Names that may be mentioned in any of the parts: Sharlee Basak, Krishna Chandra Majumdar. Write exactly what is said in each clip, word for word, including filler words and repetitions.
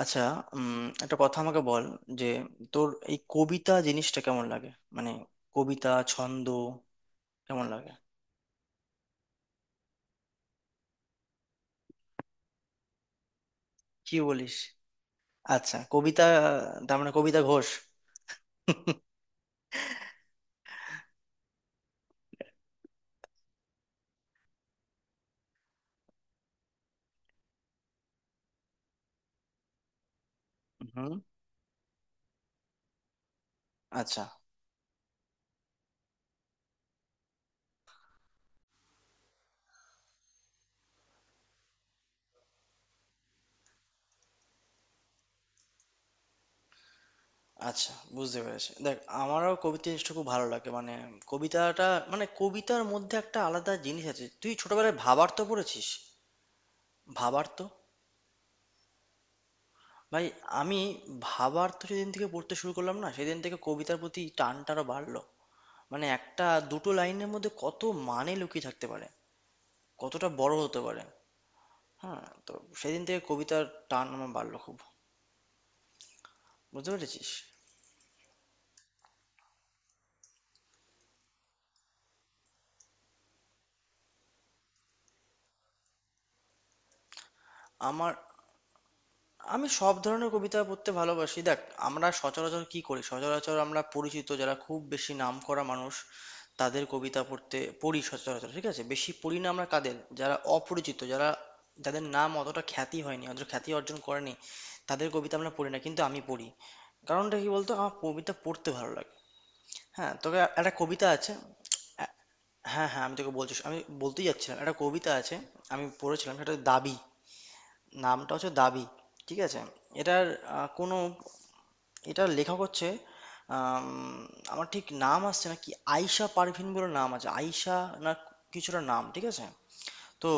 আচ্ছা। উম একটা কথা আমাকে বল যে তোর এই কবিতা জিনিসটা কেমন লাগে। মানে কবিতা ছন্দ কেমন লাগে? কি বলিস? আচ্ছা, কবিতা, তার মানে কবিতা ঘোষ? হুম। আচ্ছা। আচ্ছা, বুঝতে পেরেছি। দেখ, আমারও কবিতা জিনিসটা খুব ভালো লাগে। মানে কবিতাটা, মানে কবিতার মধ্যে একটা আলাদা জিনিস আছে। তুই ছোটবেলায় ভাবার্ত পড়েছিস? ভাবার্ত ভাই, আমি ভাবার্ত যেদিন থেকে পড়তে শুরু করলাম না, সেদিন থেকে কবিতার প্রতি টানটা আরো বাড়লো। মানে একটা দুটো লাইনের মধ্যে কত মানে লুকিয়ে থাকতে পারে, কতটা বড় হতে পারে। হ্যাঁ, তো সেদিন থেকে কবিতার টান আমার বাড়লো খুব। বুঝতে পেরেছিস? আমার আমি সব ধরনের কবিতা পড়তে ভালোবাসি। দেখ, আমরা সচরাচর কি করি? সচরাচর আমরা পরিচিত যারা খুব বেশি নামকরা মানুষ, তাদের কবিতা পড়তে পড়ি সচরাচর, ঠিক আছে। বেশি পড়ি না আমরা কাদের, যারা অপরিচিত, যারা, যাদের নাম অতটা খ্যাতি হয়নি, অতটা খ্যাতি অর্জন করেনি, তাদের কবিতা আমরা পড়ি না। কিন্তু আমি পড়ি। কারণটা কি বলতো? আমার কবিতা পড়তে ভালো লাগে। হ্যাঁ, তোকে একটা কবিতা আছে। আ- হ্যাঁ, হ্যাঁ, আমি তোকে বলছি, শো- আমি বলতেই যাচ্ছিলাম একটা কবিতা আছে। আমি পড়েছিলাম, সেটা হচ্ছে "দাবি"। নামটা হচ্ছে "দাবি", ঠিক আছে। এটার আহ, কোনো এটার লেখক হচ্ছে, আম, আমার ঠিক নাম আসছে না কি, আয়শা পারভিন বলে নাম আছে। আয়শা, না, কিছুটা নাম, ঠিক আছে। তো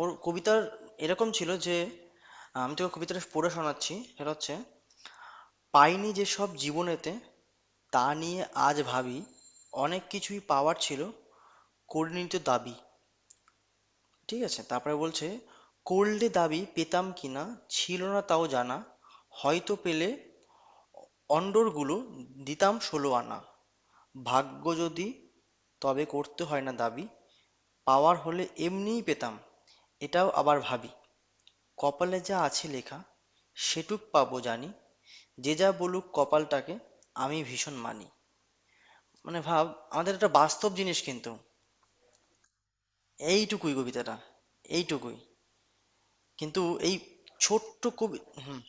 ওর কবিতার এরকম ছিল যে, আহ, আমি তোকে কবিতাটা পড়ে শোনাচ্ছি, সেটা হচ্ছে: পাইনি যেসব জীবনেতে, তা নিয়ে আজ ভাবি। অনেক কিছুই পাওয়ার ছিল, কর্ণিত দাবি। ঠিক আছে, তারপরে বলছে: করলে দাবি পেতাম কিনা, ছিল না তাও জানা। হয়তো পেলে অন্ডরগুলো দিতাম ষোলো আনা। ভাগ্য যদি, তবে করতে হয় না দাবি, পাওয়ার হলে এমনিই পেতাম, এটাও আবার ভাবি। কপালে যা আছে লেখা সেটুক পাবো জানি, যে যা বলুক কপালটাকে, আমি ভীষণ মানি। মানে ভাব, আমাদের একটা বাস্তব জিনিস কিন্তু। এইটুকুই কবিতাটা, এইটুকুই। কিন্তু এই ছোট্ট কবি... হুম,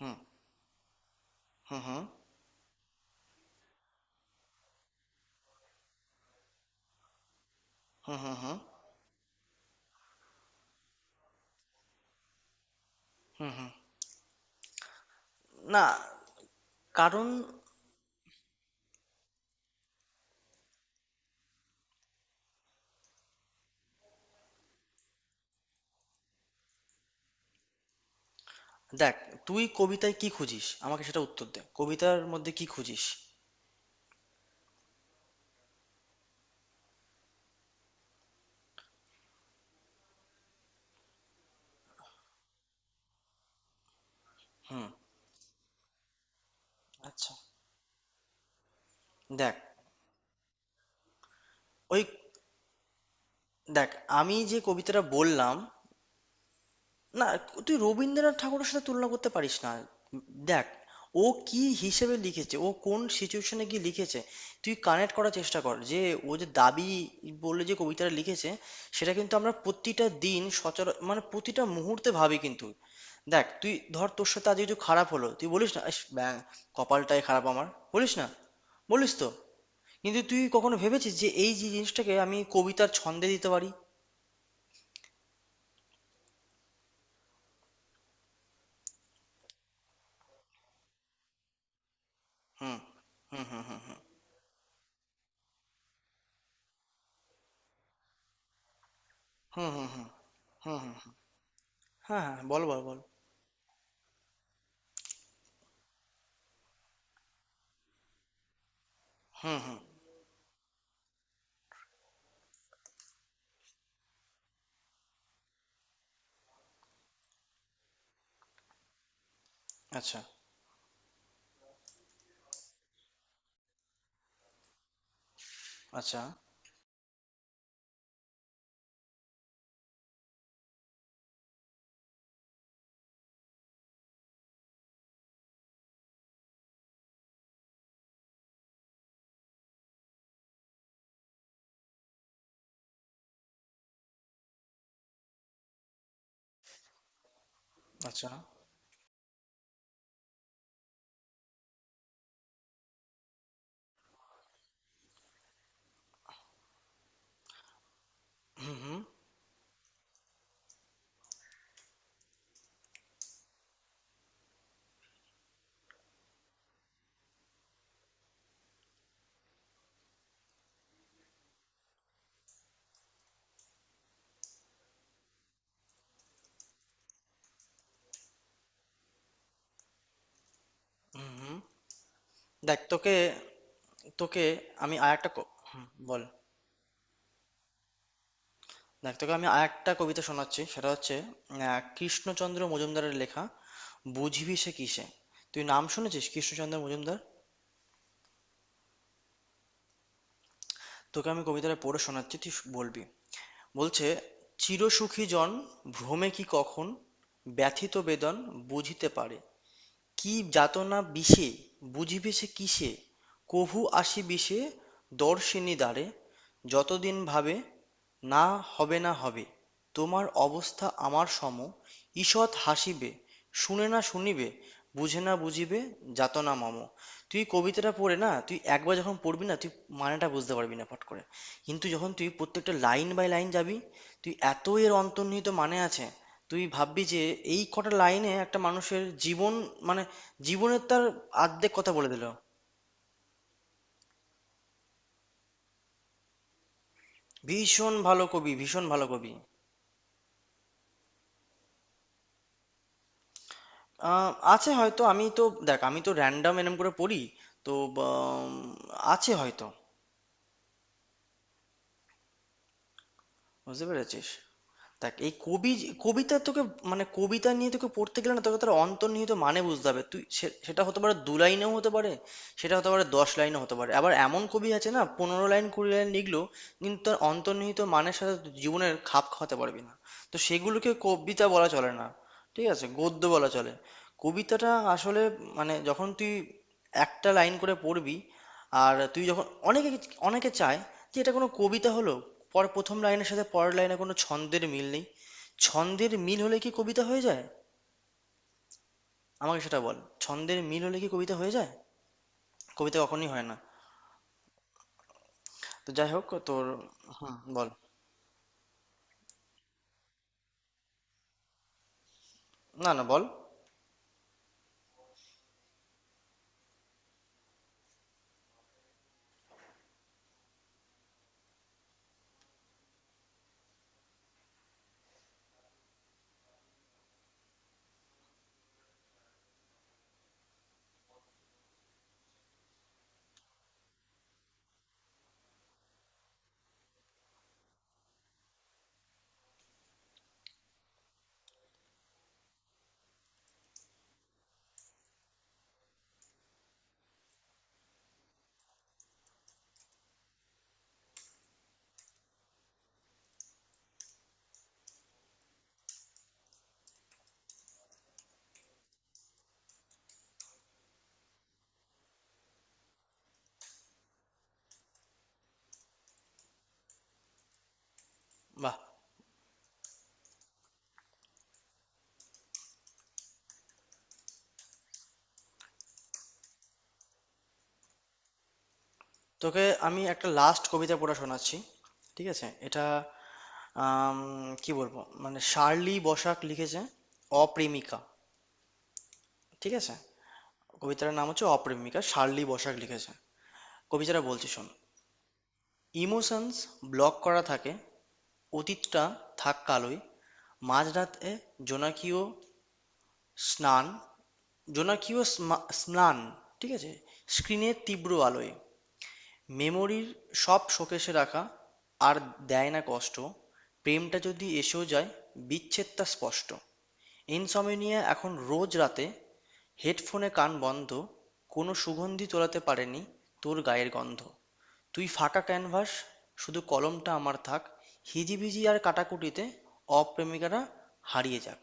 হুম, হুম, হুম, হুম, হুম, হুম, হুম, হুম। না। কারণ... দেখ, তুই কবিতায় কি খুঁজিস? আমাকে সেটা উত্তর দে, কবিতার মধ্যে কি খুঁজিস? হুম। আচ্ছা। দেখ ওই দেখ, আমি যে কবিতাটা বললাম না, তুই রবীন্দ্রনাথ ঠাকুরের সাথে তুলনা করতে পারিস না। দেখ, ও কি হিসেবে লিখেছে, ও কোন সিচুয়েশনে গিয়ে লিখেছে। তুই কানেক্ট করার চেষ্টা কর যে ও যে "দাবি" বলে যে কবিতাটা লিখেছে, সেটা কিন্তু আমরা প্রতিটা দিন সচরা মানে প্রতিটা মুহূর্তে ভাবি কিন্তু। দেখ, তুই ধর, তোর সাথে আজ কিছু খারাপ হলো, তুই বলিস না "ইস, ব্যাং, কপালটাই খারাপ আমার"। বলিস না? বলিস তো। কিন্তু তুই কখনো ভেবেছিস যে এই যে জিনিসটাকে আমি কবিতার ছন্দে দিতে পারি? হুম, হুম, হুম, হুম, হুম, হুম, হুম, হুম, হুম। হ্যাঁ, হ্যাঁ, বল, বল, বল। হুম, হুম। আচ্ছা, আচ্ছা, আচ্ছা। হুম, হুম, হুম, হুম। দেখ, তোকে তোকে আমি আরেকটা ক হুম, বল। দেখ, তোকে আমি আরেকটা কবিতা শোনাচ্ছি, সেটা হচ্ছে আহ, কৃষ্ণচন্দ্র মজুমদারের লেখা "বুঝিবি সে কিসে"। তুই নাম শুনেছিস, কৃষ্ণচন্দ্র মজুমদার? তোকে আমি কবিতাটা পড়ে শোনাচ্ছি, তুই বলবি। বলছে: চিরসুখী জন, ভ্রমে কি কখন ব্যথিত বেদন বুঝিতে পারে। কি যাতনা বিষে, বুঝিবে সে কিসে। কভু আসি বিষে দর্শিনী দ্বারে। যতদিন ভাবে না হবে, না হবে তোমার অবস্থা আমার সম, ঈষৎ হাসিবে, শুনে না শুনিবে, বুঝে না বুঝিবে যাতনা মম। তুই কবিতাটা পড়ে না, তুই একবার যখন পড়বি না, তুই মানেটা বুঝতে পারবি না ফট করে। কিন্তু যখন তুই প্রত্যেকটা লাইন বাই লাইন যাবি, তুই এত এর অন্তর্নিহিত মানে আছে। তুই ভাববি যে এই কটা লাইনে একটা মানুষের জীবন মানে জীবনের তার আর্ধেক কথা বলে দিল। ভীষণ ভালো কবি, ভীষণ ভালো কবি। আহ, আছে হয়তো, আমি তো, দেখ, আমি তো র্যান্ডম এরম করে পড়ি, তো বা, উম, আছে হয়তো। বুঝতে পেরেছিস? দেখ, এই কবি কবিতা তোকে, মানে কবিতা নিয়ে তোকে পড়তে গেলে না, তোকে তার অন্তর্নিহিত মানে বুঝতে হবে। তুই সে- সেটা হতে পারে দু লাইনেও হতে পারে, সেটা হতে পারে দশ লাইনও হতে পারে, আবার এমন কবি আছে না পনেরো লাইন কুড়ি লাইন লিখলো, কিন্তু তার অন্তর্নিহিত মানের সাথে তুই জীবনের খাপ খাওয়াতে পারবি না। তো সেগুলোকে কবিতা বলা চলে না, ঠিক আছে, গদ্য বলা চলে। কবিতাটা আসলে মানে যখন তুই একটা লাইন করে পড়বি, আর তুই যখন অনেকে অনেকে চায় যে এটা কোনো কবিতা হলো, পর প্রথম লাইনের সাথে পরের লাইনে কোনো ছন্দের মিল নেই। ছন্দের মিল হলে কি কবিতা হয়ে যায়? আমাকে সেটা বল। ছন্দের মিল হলে কি কবিতা হয়ে যায়? কবিতা কখনোই হয় না। তো যাই হোক, তোর... হুম, বল। না, না, বল। বাহ! তোকে আমি একটা লাস্ট কবিতা পড়া শোনাচ্ছি, ঠিক আছে। এটা আম, কি বলবো, মানে শার্লি বসাক লিখেছে "অপ্রেমিকা", ঠিক আছে। কবিতাটার নাম হচ্ছে "অপ্রেমিকা", শার্লি বসাক লিখেছে। কবিতাটা বলছি, শোন। ইমোশনস ব্লক করা থাকে, অতীতটা থাক কালোয়। মাঝরাতে জোনাকিও স্নান জোনাকিও স্মা- স্নান, ঠিক আছে, স্ক্রিনের তীব্র আলোয়। মেমোরির সব শোকেসে রাখা, আর দেয় না কষ্ট। প্রেমটা যদি এসেও যায়, বিচ্ছেদটা স্পষ্ট। ইনসমনিয়া এখন রোজ রাতে, হেডফোনে কান বন্ধ। কোনো সুগন্ধি তোলাতে পারেনি তোর গায়ের গন্ধ। তুই ফাঁকা ক্যানভাস, শুধু কলমটা আমার থাক। হিজিবিজি আর কাটাকুটিতে অপ্রেমিকারা হারিয়ে যাক।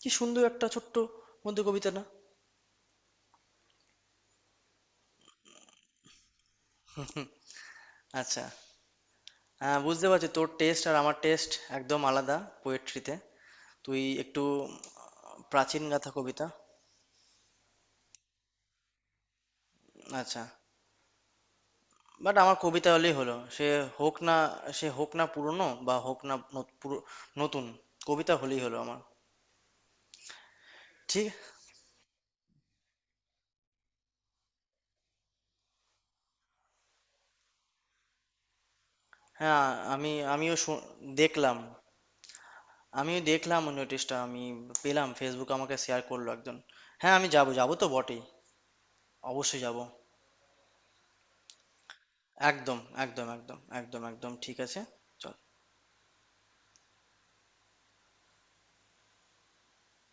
কি সুন্দর একটা ছোট্ট মধ্যে কবিতা না? আচ্ছা। হ্যাঁ, বুঝতে পারছি তোর টেস্ট আর আমার টেস্ট একদম আলাদা পোয়েট্রিতে। তুই একটু প্রাচীন গাথা কবিতা। আচ্ছা। বাট আমার কবিতা হলেই হলো, সে হোক না সে হোক না পুরনো বা হোক না ন- পুরো- নতুন, কবিতা হলেই হলো আমার। ঠিক। হ্যাঁ, আমি আমিও শু- দেখলাম, আমি দেখলাম ওই নোটিশটা, আমি পেলাম ফেসবুকে, আমাকে শেয়ার করলো একজন। হ্যাঁ, আমি যাবো, যাবো তো বটেই, অবশ্যই যাবো। একদম, একদম, একদম, একদম, একদম, ঠিক আছে, চল।